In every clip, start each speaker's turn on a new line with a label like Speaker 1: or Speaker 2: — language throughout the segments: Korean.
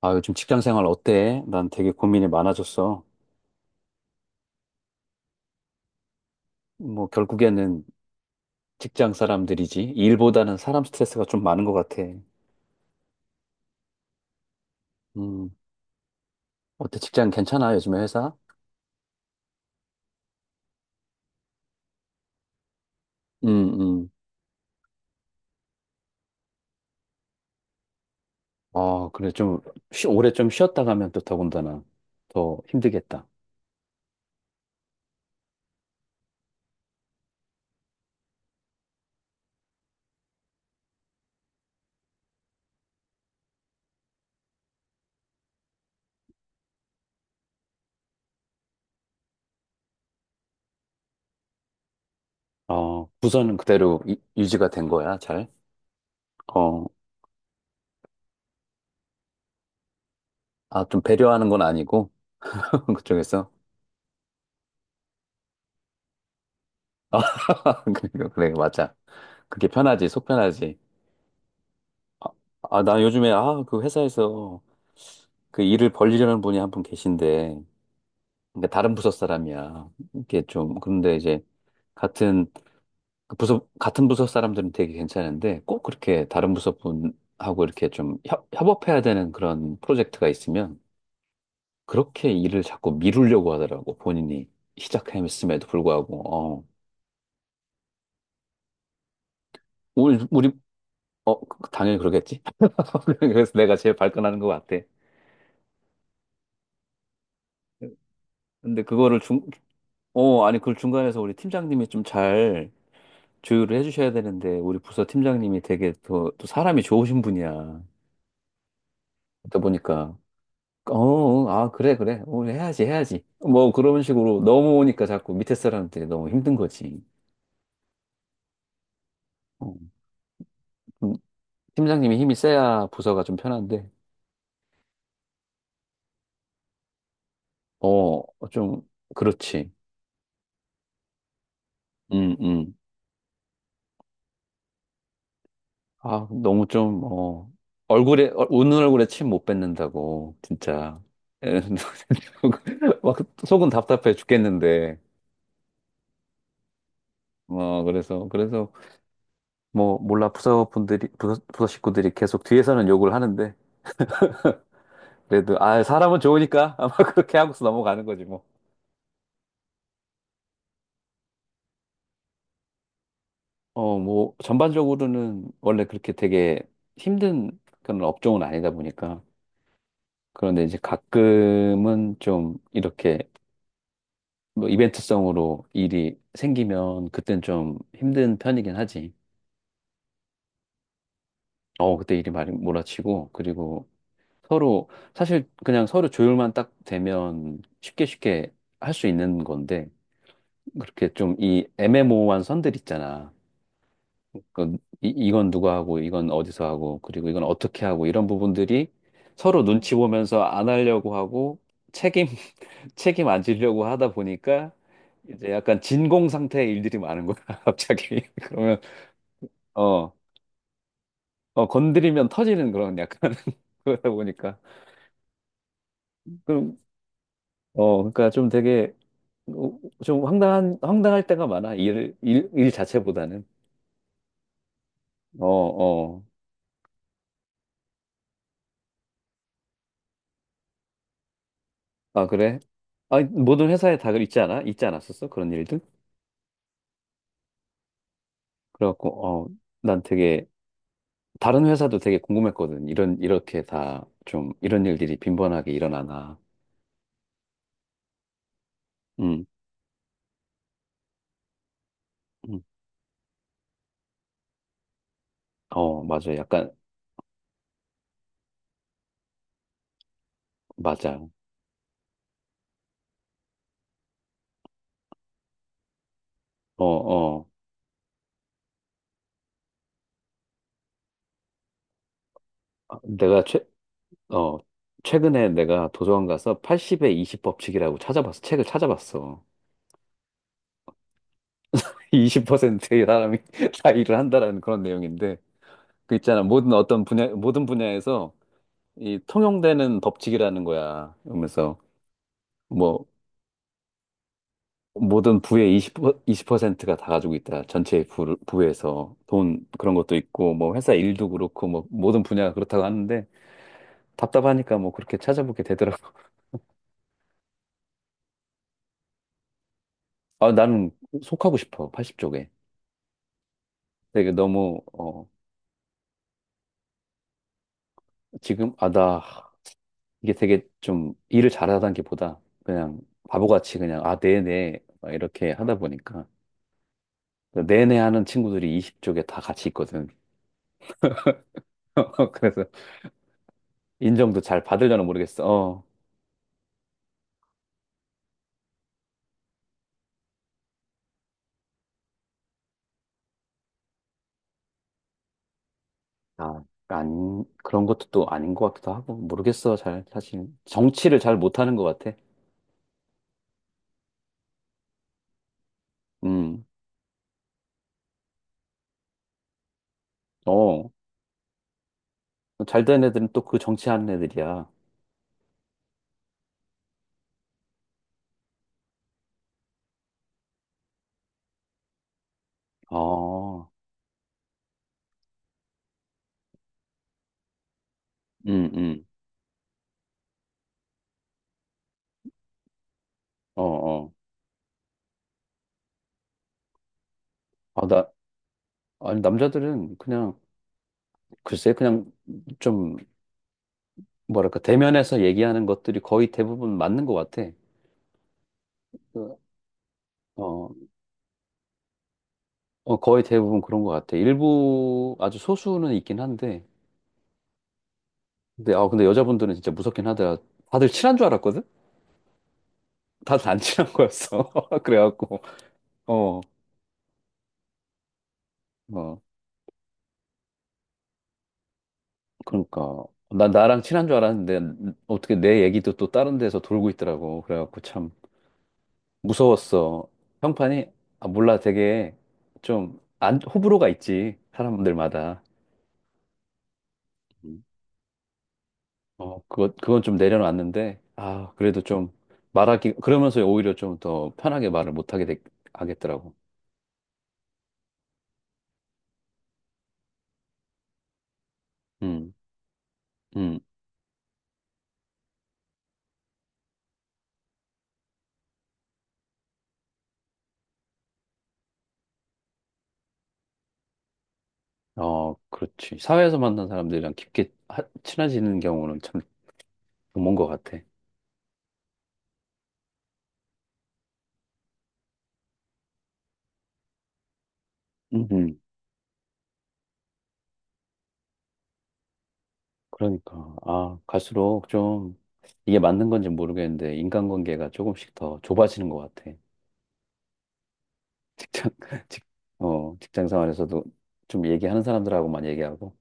Speaker 1: 요즘 직장 생활 어때? 난 되게 고민이 많아졌어. 뭐, 결국에는 직장 사람들이지. 일보다는 사람 스트레스가 좀 많은 것 같아. 음, 어때? 직장 괜찮아? 요즘에 회사? 음, 음. 좀, 오래 좀 쉬었다 가면 또 더군다나 더 힘들겠다. 부서는 그대로 유지가 된 거야, 잘? 어, 좀 배려하는 건 아니고. 그쪽에서? 아, 그래, 그래, 맞아. 그게 편하지, 속 편하지. 아, 나 요즘에 그 회사에서 그 일을 벌리려는 분이 한 분 계신데, 그러니까 다른 부서 사람이야. 이게 좀, 그런데 이제, 같은, 그 같은 부서 사람들은 되게 괜찮은데, 꼭 그렇게 다른 부서 분하고 이렇게 좀 협업해야 되는 그런 프로젝트가 있으면, 그렇게 일을 자꾸 미루려고 하더라고, 본인이 시작했음에도 불구하고. 어. 우리, 당연히 그러겠지. 그래서 내가 제일 발끈하는 것 같아. 근데 그거를 중, 어, 아니, 그걸 중간에서 우리 팀장님이 좀 잘 조율을 해주셔야 되는데, 우리 부서 팀장님이 되게 또, 또 사람이 좋으신 분이야. 그러다 보니까, 그래, 그래. 우리 해야지, 해야지. 뭐 그런 식으로 넘어오니까 자꾸 밑에 사람한테 너무 힘든 거지. 어. 음. 팀장님이 힘이 세야 부서가 좀 편한데, 어, 좀, 그렇지. 음, 음. 너무 좀, 얼굴에, 웃는 얼굴에 침 못 뱉는다고, 진짜. 에, 막 속은 답답해 죽겠는데. 어, 그래서, 뭐, 몰라, 부서 식구들이 계속 뒤에서는 욕을 하는데, 그래도, 아, 사람은 좋으니까, 아마 그렇게 하고서 넘어가는 거지, 뭐. 뭐, 전반적으로는 원래 그렇게 되게 힘든 그런 업종은 아니다 보니까. 그런데 이제 가끔은 좀 이렇게 뭐 이벤트성으로 일이 생기면 그땐 좀 힘든 편이긴 하지. 그때 일이 많이 몰아치고, 그리고 서로 사실 그냥 서로 조율만 딱 되면 쉽게 쉽게 할 수 있는 건데, 그렇게 좀 이 애매모호한 선들 있잖아. 이건 누가 하고, 이건 어디서 하고, 그리고 이건 어떻게 하고, 이런 부분들이 서로 눈치 보면서 안 하려고 하고 책임 책임 안 지려고 하다 보니까 이제 약간 진공 상태의 일들이 많은 거야, 갑자기. 그러면 어, 어, 건드리면 터지는 그런 약간. 그러다 보니까 그럼 그러니까 좀 되게 좀 황당한 황당할 때가 많아. 일 자체보다는. 어어아 그래. 모든 회사에 다 있지 않았었어, 그런 일들. 그래갖고 어 난 되게 다른 회사도 되게 궁금했거든, 이런 이렇게 다 좀 이런 일들이 빈번하게 일어나나. 음어 맞아 약간 맞아 어어 내가 최 어, 최근에 내가 도서관 가서 80의 20 법칙이라고 찾아봤어. 책을 찾아봤어. 20%의 사람이 다 일을 한다라는 그런 내용인데, 그 있잖아. 모든 분야에서 이 통용되는 법칙이라는 거야. 그러면서 뭐, 모든 부의 20, 센트가 다 가지고 있다. 전체 부에서 돈, 그런 것도 있고, 뭐 회사 일도 그렇고, 뭐 모든 분야가 그렇다고 하는데, 답답하니까 뭐 그렇게 찾아보게 되더라고. 아, 나는 속하고 싶어, 80쪽에. 되게 너무 지금, 아, 나, 이게 되게 좀 일을 잘하다는 게 보다 그냥 바보같이 그냥, 아, 네네, 막 이렇게 하다 보니까. 네네 하는 친구들이 20쪽에 다 같이 있거든. 그래서 인정도 잘 받으려나 모르겠어. 어. 아, 안, 그런 것도 또 아닌 것 같기도 하고, 모르겠어, 잘, 사실. 정치를 잘 못하는 것 같아. 음, 어. 잘 된 애들은 또 그 정치하는 애들이야. 어, 음, 음, 어, 어. 아, 나, 아니, 남자들은 그냥 글쎄, 그냥 좀, 뭐랄까, 대면에서 얘기하는 것들이 거의 대부분 맞는 것 같아. 그, 어, 어, 거의 대부분 그런 것 같아. 일부, 아주 소수는 있긴 한데, 근데 여자분들은 진짜 무섭긴 하더라. 다들 친한 줄 알았거든? 다들 안 친한 거였어. 그래갖고, 어, 어, 그러니까. 난 나랑 친한 줄 알았는데, 어떻게 내 얘기도 또 다른 데서 돌고 있더라고. 그래갖고 참 무서웠어. 평판이, 몰라, 되게 좀, 안, 호불호가 있지. 사람들마다. 음. 그건 좀 내려놨는데, 아, 그래도 좀 그러면서 오히려 좀 더 편하게 말을 하겠더라고. 음, 음, 어, 그렇지. 사회에서 만난 사람들이랑 깊게 친해지는 경우는 참 드문 것 같아. 음, 음. 그러니까, 아, 갈수록 좀 이게 맞는 건지 모르겠는데, 인간관계가 조금씩 더 좁아지는 것 같아. 직장, 직, 어, 직장 생활에서도 좀 얘기하는 사람들하고만 얘기하고.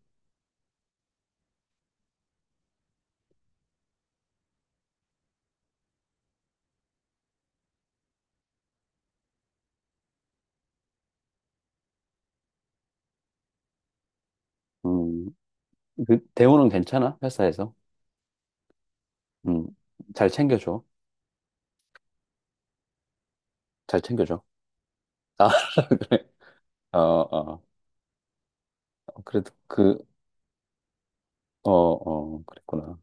Speaker 1: 음. 그, 대우는 괜찮아? 회사에서? 음, 잘 챙겨줘. 잘 챙겨줘. 아, 그래. 어, 어. 그래도 그, 어, 어, 그랬구나.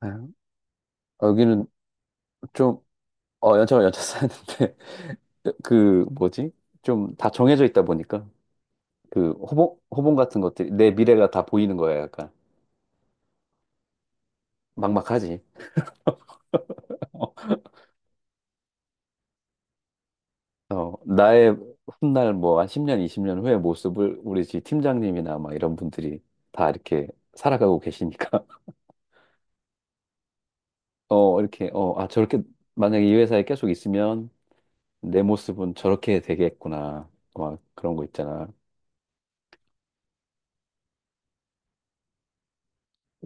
Speaker 1: 아유, 여기는 좀, 어, 연차 쌓였는데, 그, 뭐지? 좀 다 정해져 있다 보니까, 그, 호봉 같은 것들이, 내 미래가 다 보이는 거야, 약간. 막막하지. 어, 나의 훗날 뭐, 한 10년, 20년 후의 모습을 우리 집 팀장님이나 막 이런 분들이 다 이렇게 살아가고 계시니까. 저렇게, 만약에 이 회사에 계속 있으면, 내 모습은 저렇게 되겠구나. 막 그런 거 있잖아.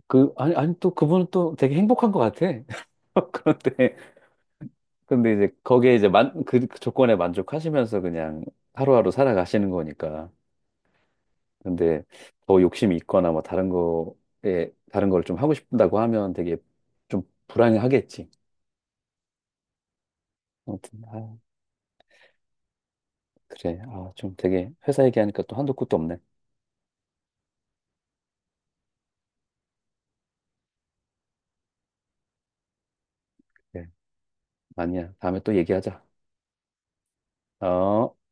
Speaker 1: 아니, 또 그분은 또 되게 행복한 것 같아. 그런데, 근데 이제 거기에 이제 만, 그 그 조건에 만족하시면서 그냥 하루하루 살아가시는 거니까. 근데 더 욕심이 있거나 뭐 다른 걸 좀 하고 싶다고 하면 되게 좀 불안해하겠지. 아무튼, 아, 그래. 아, 좀 되게 회사 얘기하니까 또 한도 끝도 없네. 그래. 아니야. 다음에 또 얘기하자. 어.